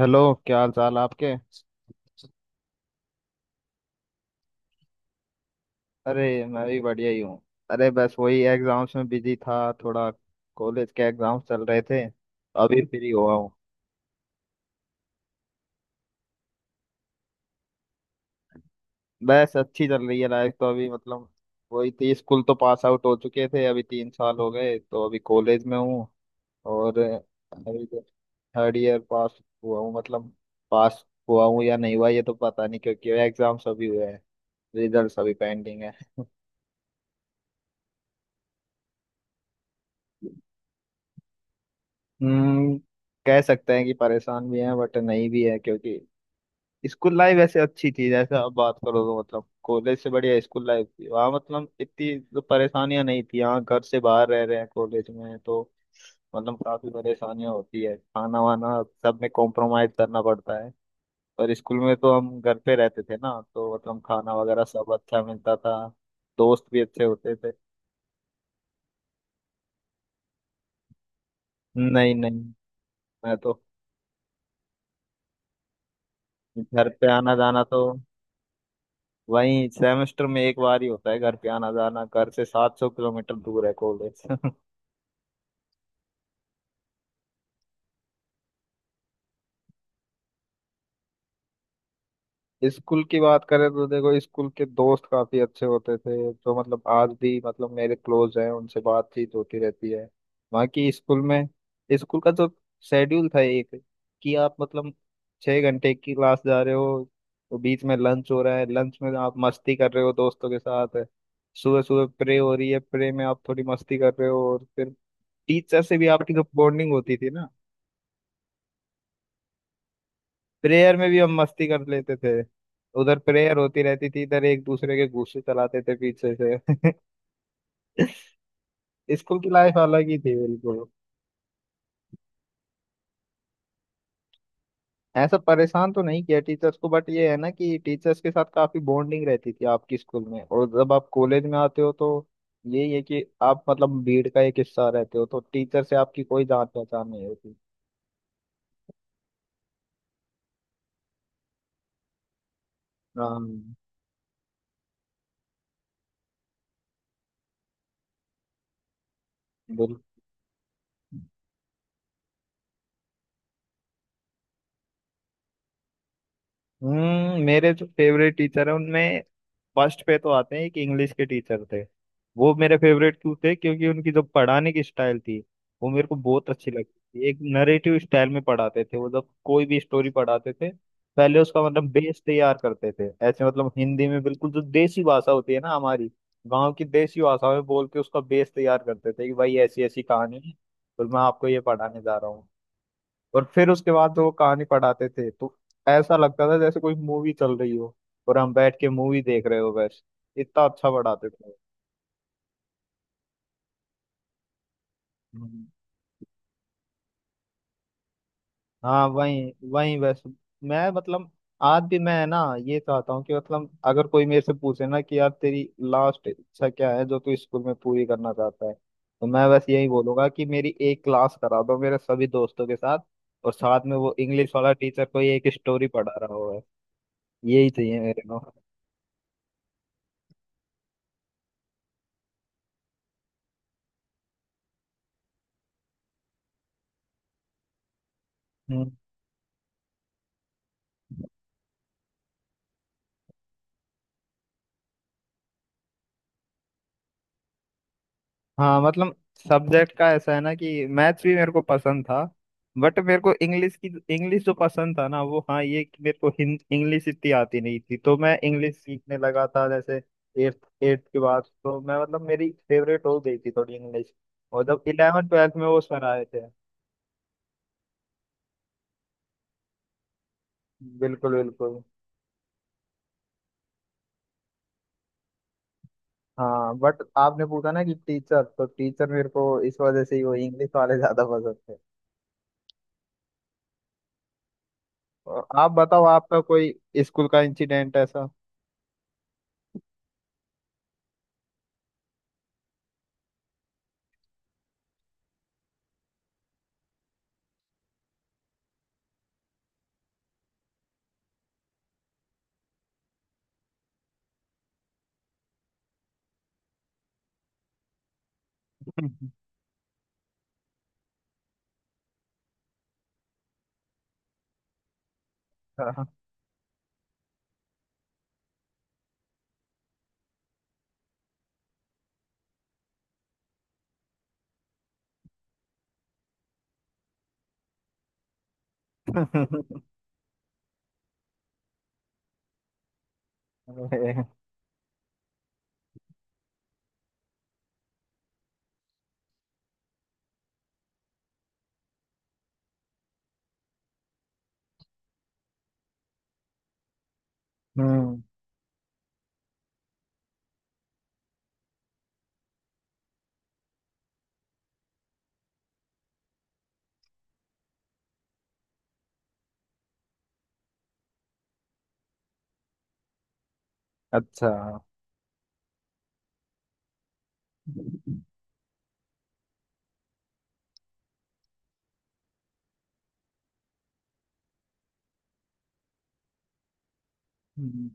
Hello. क्या हाल चाल आपके। अरे मैं भी बढ़िया ही हूँ। अरे बस वही एग्जाम्स में बिजी था थोड़ा, कॉलेज के एग्जाम्स चल रहे थे। अभी फ्री हुआ हूँ। बस अच्छी चल रही है लाइफ तो अभी, वही थी। स्कूल तो पास आउट हो चुके थे, अभी 3 साल हो गए, तो अभी कॉलेज में हूँ। और अभी तो थर्ड ईयर पास हुआ हूँ, पास हुआ हूँ या नहीं हुआ ये तो पता नहीं क्योंकि एग्जाम्स अभी हुए हैं, रिजल्ट्स अभी पेंडिंग है। हम्म, कह सकते हैं कि परेशान भी हैं बट नहीं भी है, क्योंकि स्कूल लाइफ ऐसे अच्छी थी। जैसे आप बात करो तो मतलब कॉलेज से बढ़िया स्कूल लाइफ थी, वहाँ मतलब इतनी तो परेशानियां नहीं थी। यहाँ घर से बाहर रह रहे हैं कॉलेज में, तो मतलब काफी परेशानियां होती है, खाना वाना सब में कॉम्प्रोमाइज करना पड़ता है। और स्कूल में तो हम घर पे रहते थे ना, तो मतलब खाना वगैरह सब अच्छा मिलता था। दोस्त भी अच्छे होते थे। नहीं नहीं, मैं तो घर पे आना जाना तो वही सेमेस्टर में एक बार ही होता है। घर पे आना जाना, घर से 700 किलोमीटर दूर है कॉलेज। स्कूल की बात करें तो देखो, स्कूल के दोस्त काफी अच्छे होते थे, तो मतलब आज भी, मतलब मेरे क्लोज हैं, उनसे बातचीत होती रहती है। बाकी स्कूल में, स्कूल का जो शेड्यूल था एक, कि आप मतलब 6 घंटे की क्लास जा रहे हो, तो बीच में लंच हो रहा है, लंच में आप मस्ती कर रहे हो दोस्तों के साथ। सुबह सुबह प्रे हो रही है, प्रे में आप थोड़ी मस्ती कर रहे हो, और फिर टीचर से भी आपकी तो बॉन्डिंग होती थी ना। प्रेयर में भी हम मस्ती कर लेते थे। उधर प्रेयर होती रहती थी, इधर एक दूसरे के घूंसे चलाते थे पीछे से। स्कूल की लाइफ अलग ही थी बिल्कुल। ऐसा परेशान तो नहीं किया टीचर्स को, बट ये है ना कि टीचर्स के साथ काफी बॉन्डिंग रहती थी आपकी स्कूल में। और जब आप कॉलेज में आते हो तो यही है कि आप मतलब भीड़ का एक हिस्सा रहते हो, तो टीचर से आपकी कोई जान पहचान नहीं होती। हाँ, बिल्कुल। हम्म, मेरे जो फेवरेट टीचर हैं उनमें फर्स्ट पे तो आते हैं, एक इंग्लिश के टीचर थे। वो मेरे फेवरेट क्यों थे, क्योंकि उनकी जो पढ़ाने की स्टाइल थी वो मेरे को बहुत अच्छी लगती थी। एक नरेटिव स्टाइल में पढ़ाते थे वो। जब कोई भी स्टोरी पढ़ाते थे, पहले उसका मतलब बेस तैयार करते थे। ऐसे मतलब हिंदी में, बिल्कुल जो देसी भाषा होती है ना हमारी, गांव की देसी भाषा में बोल के उसका बेस तैयार करते थे कि भाई ऐसी ऐसी कहानी है और मैं आपको ये पढ़ाने जा रहा हूँ। और फिर उसके बाद तो वो कहानी पढ़ाते थे, तो ऐसा लगता था जैसे कोई मूवी चल रही हो और हम बैठ के मूवी देख रहे हो। बस इतना अच्छा पढ़ाते थे। हम्म। हाँ वही वही बस, मैं मतलब आज भी मैं ना ये चाहता हूँ कि, मतलब अगर कोई मेरे से पूछे ना कि यार तेरी लास्ट इच्छा क्या है जो तू स्कूल में पूरी करना चाहता है, तो मैं बस यही बोलूंगा कि मेरी एक क्लास करा दो मेरे सभी दोस्तों के साथ, और साथ में वो इंग्लिश वाला टीचर कोई एक स्टोरी पढ़ा रहा हो। बस यही चाहिए मेरे को। हम्म, हाँ मतलब सब्जेक्ट का ऐसा है ना कि मैथ्स भी मेरे को पसंद था, बट मेरे को इंग्लिश की, इंग्लिश जो पसंद था ना वो हाँ, ये कि मेरे को इंग्लिश इतनी आती नहीं थी, तो मैं इंग्लिश सीखने लगा था। जैसे एट्थ एट्थ के बाद तो मैं, मतलब मेरी फेवरेट हो गई थी थोड़ी इंग्लिश। और जब 11th 12th में वो सर आए थे। बिल्कुल बिल्कुल। हाँ बट आपने पूछा ना कि टीचर, तो टीचर मेरे को इस वजह से ही वो इंग्लिश वाले ज्यादा पसंद थे। और आप बताओ, आपका कोई स्कूल का इंसिडेंट ऐसा? अरे! हम्म। अच्छा। हम्म,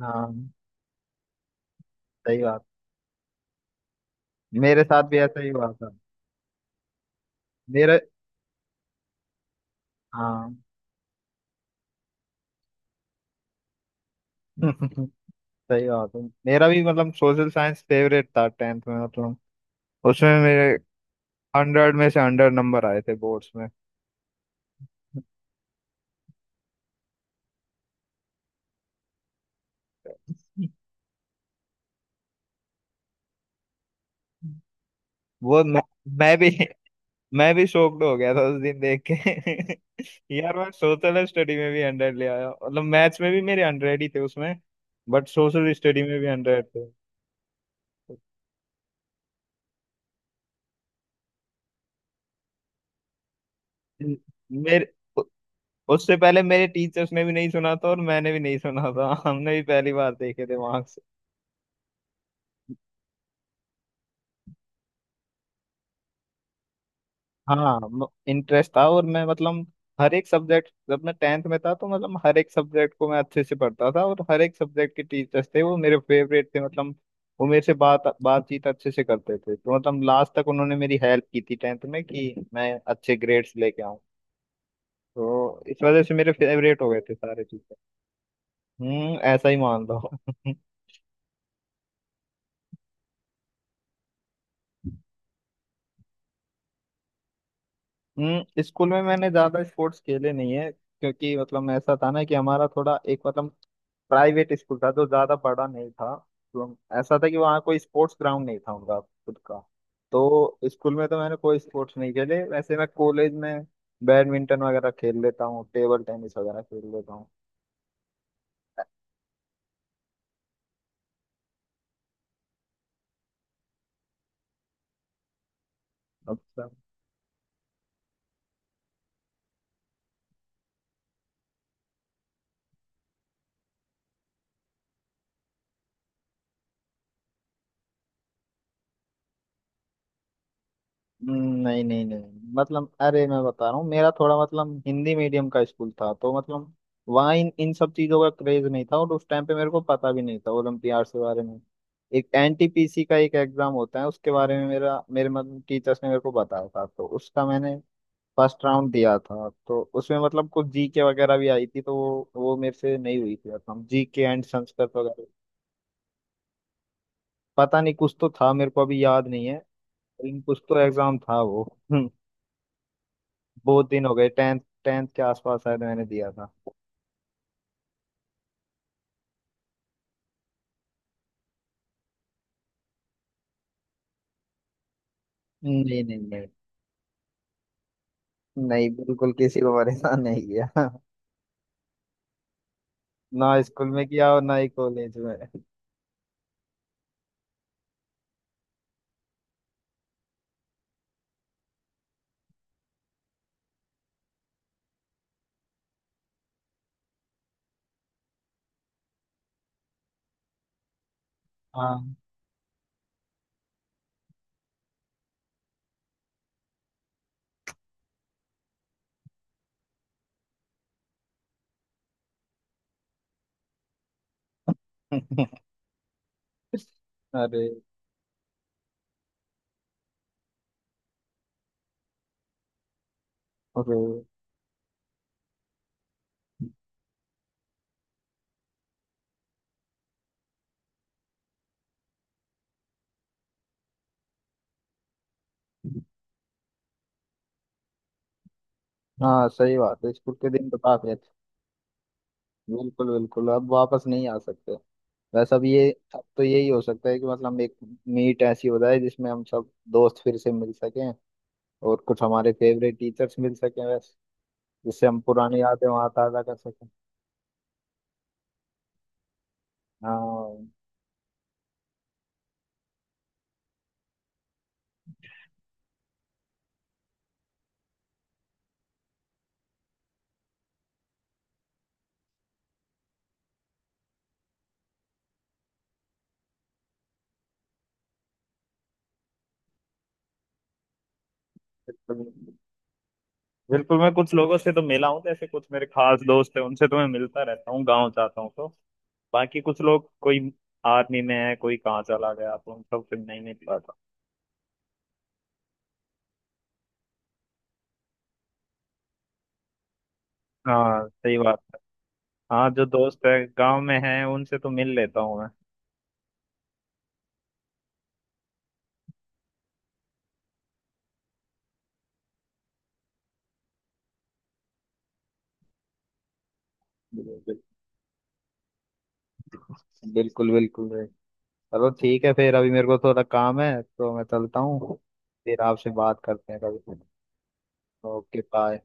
हाँ सही बात, मेरे साथ भी ऐसा ही हुआ था। मेरे हाँ। सही बात है, मेरा भी मतलब सोशल साइंस फेवरेट था 10th में। मतलब उसमें मेरे 100 में से 100 नंबर आए थे बोर्ड्स में। वो मैं, मैं भी मैं भी शॉक्ड हो गया था उस दिन देख के। यार मैं सोशल स्टडी में भी 100 ले आया, मतलब मैथ्स में भी मेरे 100 ही थे उसमें, बट सोशल स्टडी में भी 100 थे। न- मेरे उ- उससे पहले मेरे टीचर्स ने भी नहीं सुना था और मैंने भी नहीं सुना था। हमने भी पहली बार देखे थे वहां से। हाँ इंटरेस्ट था, और मैं मतलब हर एक सब्जेक्ट, जब मैं 10th में था तो मतलब हर एक सब्जेक्ट को मैं अच्छे से पढ़ता था, और हर एक सब्जेक्ट के टीचर्स थे वो मेरे फेवरेट थे। मतलब वो मेरे से बातचीत अच्छे से करते थे, तो मतलब लास्ट तक उन्होंने मेरी हेल्प की थी 10th में कि मैं अच्छे ग्रेड्स लेके आऊं। तो इस वजह से मेरे फेवरेट हो गए थे सारे टीचर। हम्म, ऐसा ही मान लो। हम्म, स्कूल में मैंने ज्यादा स्पोर्ट्स खेले नहीं है, क्योंकि मतलब ऐसा था ना कि हमारा थोड़ा एक, मतलब प्राइवेट स्कूल था जो ज्यादा बड़ा नहीं था। ऐसा था कि वहाँ कोई स्पोर्ट्स ग्राउंड नहीं था उनका खुद का। तो स्कूल में तो मैंने कोई स्पोर्ट्स नहीं खेले। वैसे मैं कॉलेज में बैडमिंटन वगैरह खेल लेता हूँ, टेबल टेनिस वगैरह खेल लेता हूँ। अच्छा। नहीं नहीं नहीं, मतलब अरे मैं बता रहा हूँ, मेरा थोड़ा मतलब हिंदी मीडियम का स्कूल था, तो मतलब वहाँ इन इन सब चीज़ों का क्रेज नहीं था, और उस टाइम पे मेरे को पता भी नहीं था ओलम्पियाड के बारे में। एक एनटीपीसी का एक एग्जाम होता है, उसके बारे में मेरा मेरे मतलब टीचर्स ने मेरे को बताया था, तो उसका मैंने फर्स्ट राउंड दिया था। तो उसमें मतलब कुछ जीके वगैरह भी आई थी, तो वो मेरे से नहीं हुई थी, मतलब जीके एंड संस्कृत वगैरह। पता नहीं, कुछ तो था, मेरे को अभी याद नहीं है, लेकिन कुछ तो एग्जाम था वो। हम्म। बहुत दिन हो गए, टेंथ टेंथ के आसपास शायद मैंने दिया था। नहीं नहीं। नहीं नहीं बिल्कुल किसी को परेशान नहीं किया। ना स्कूल में किया और ना ही कॉलेज में। हाँ। अरे! अरे! हाँ सही बात है, स्कूल के दिन तो काफी अच्छे। बिल्कुल बिल्कुल, अब वापस नहीं आ सकते। वैसे अब ये, अब तो यही हो सकता है कि मतलब एक मीट ऐसी हो जाए जिसमें हम सब दोस्त फिर से मिल सकें, और कुछ हमारे फेवरेट टीचर्स मिल सकें वैसे, जिससे हम पुरानी यादें वहाँ ताज़ा कर सकें। हाँ बिल्कुल बिल्कुल। मैं कुछ लोगों से तो मिला हूँ, जैसे कुछ मेरे खास दोस्त हैं उनसे तो मैं मिलता रहता हूँ, गांव जाता हूँ तो। बाकी कुछ लोग कोई आर्मी में है, कोई कहाँ चला गया, तो उन सबसे नहीं मिल पाता। हाँ सही बात है। हाँ जो दोस्त है गांव में है, उनसे तो मिल लेता हूँ मैं। बिल्कुल बिल्कुल बिल्कुल भाई। चलो ठीक है, फिर अभी मेरे को थोड़ा काम है तो मैं चलता हूँ। फिर आपसे बात करते हैं कभी। Okay bye.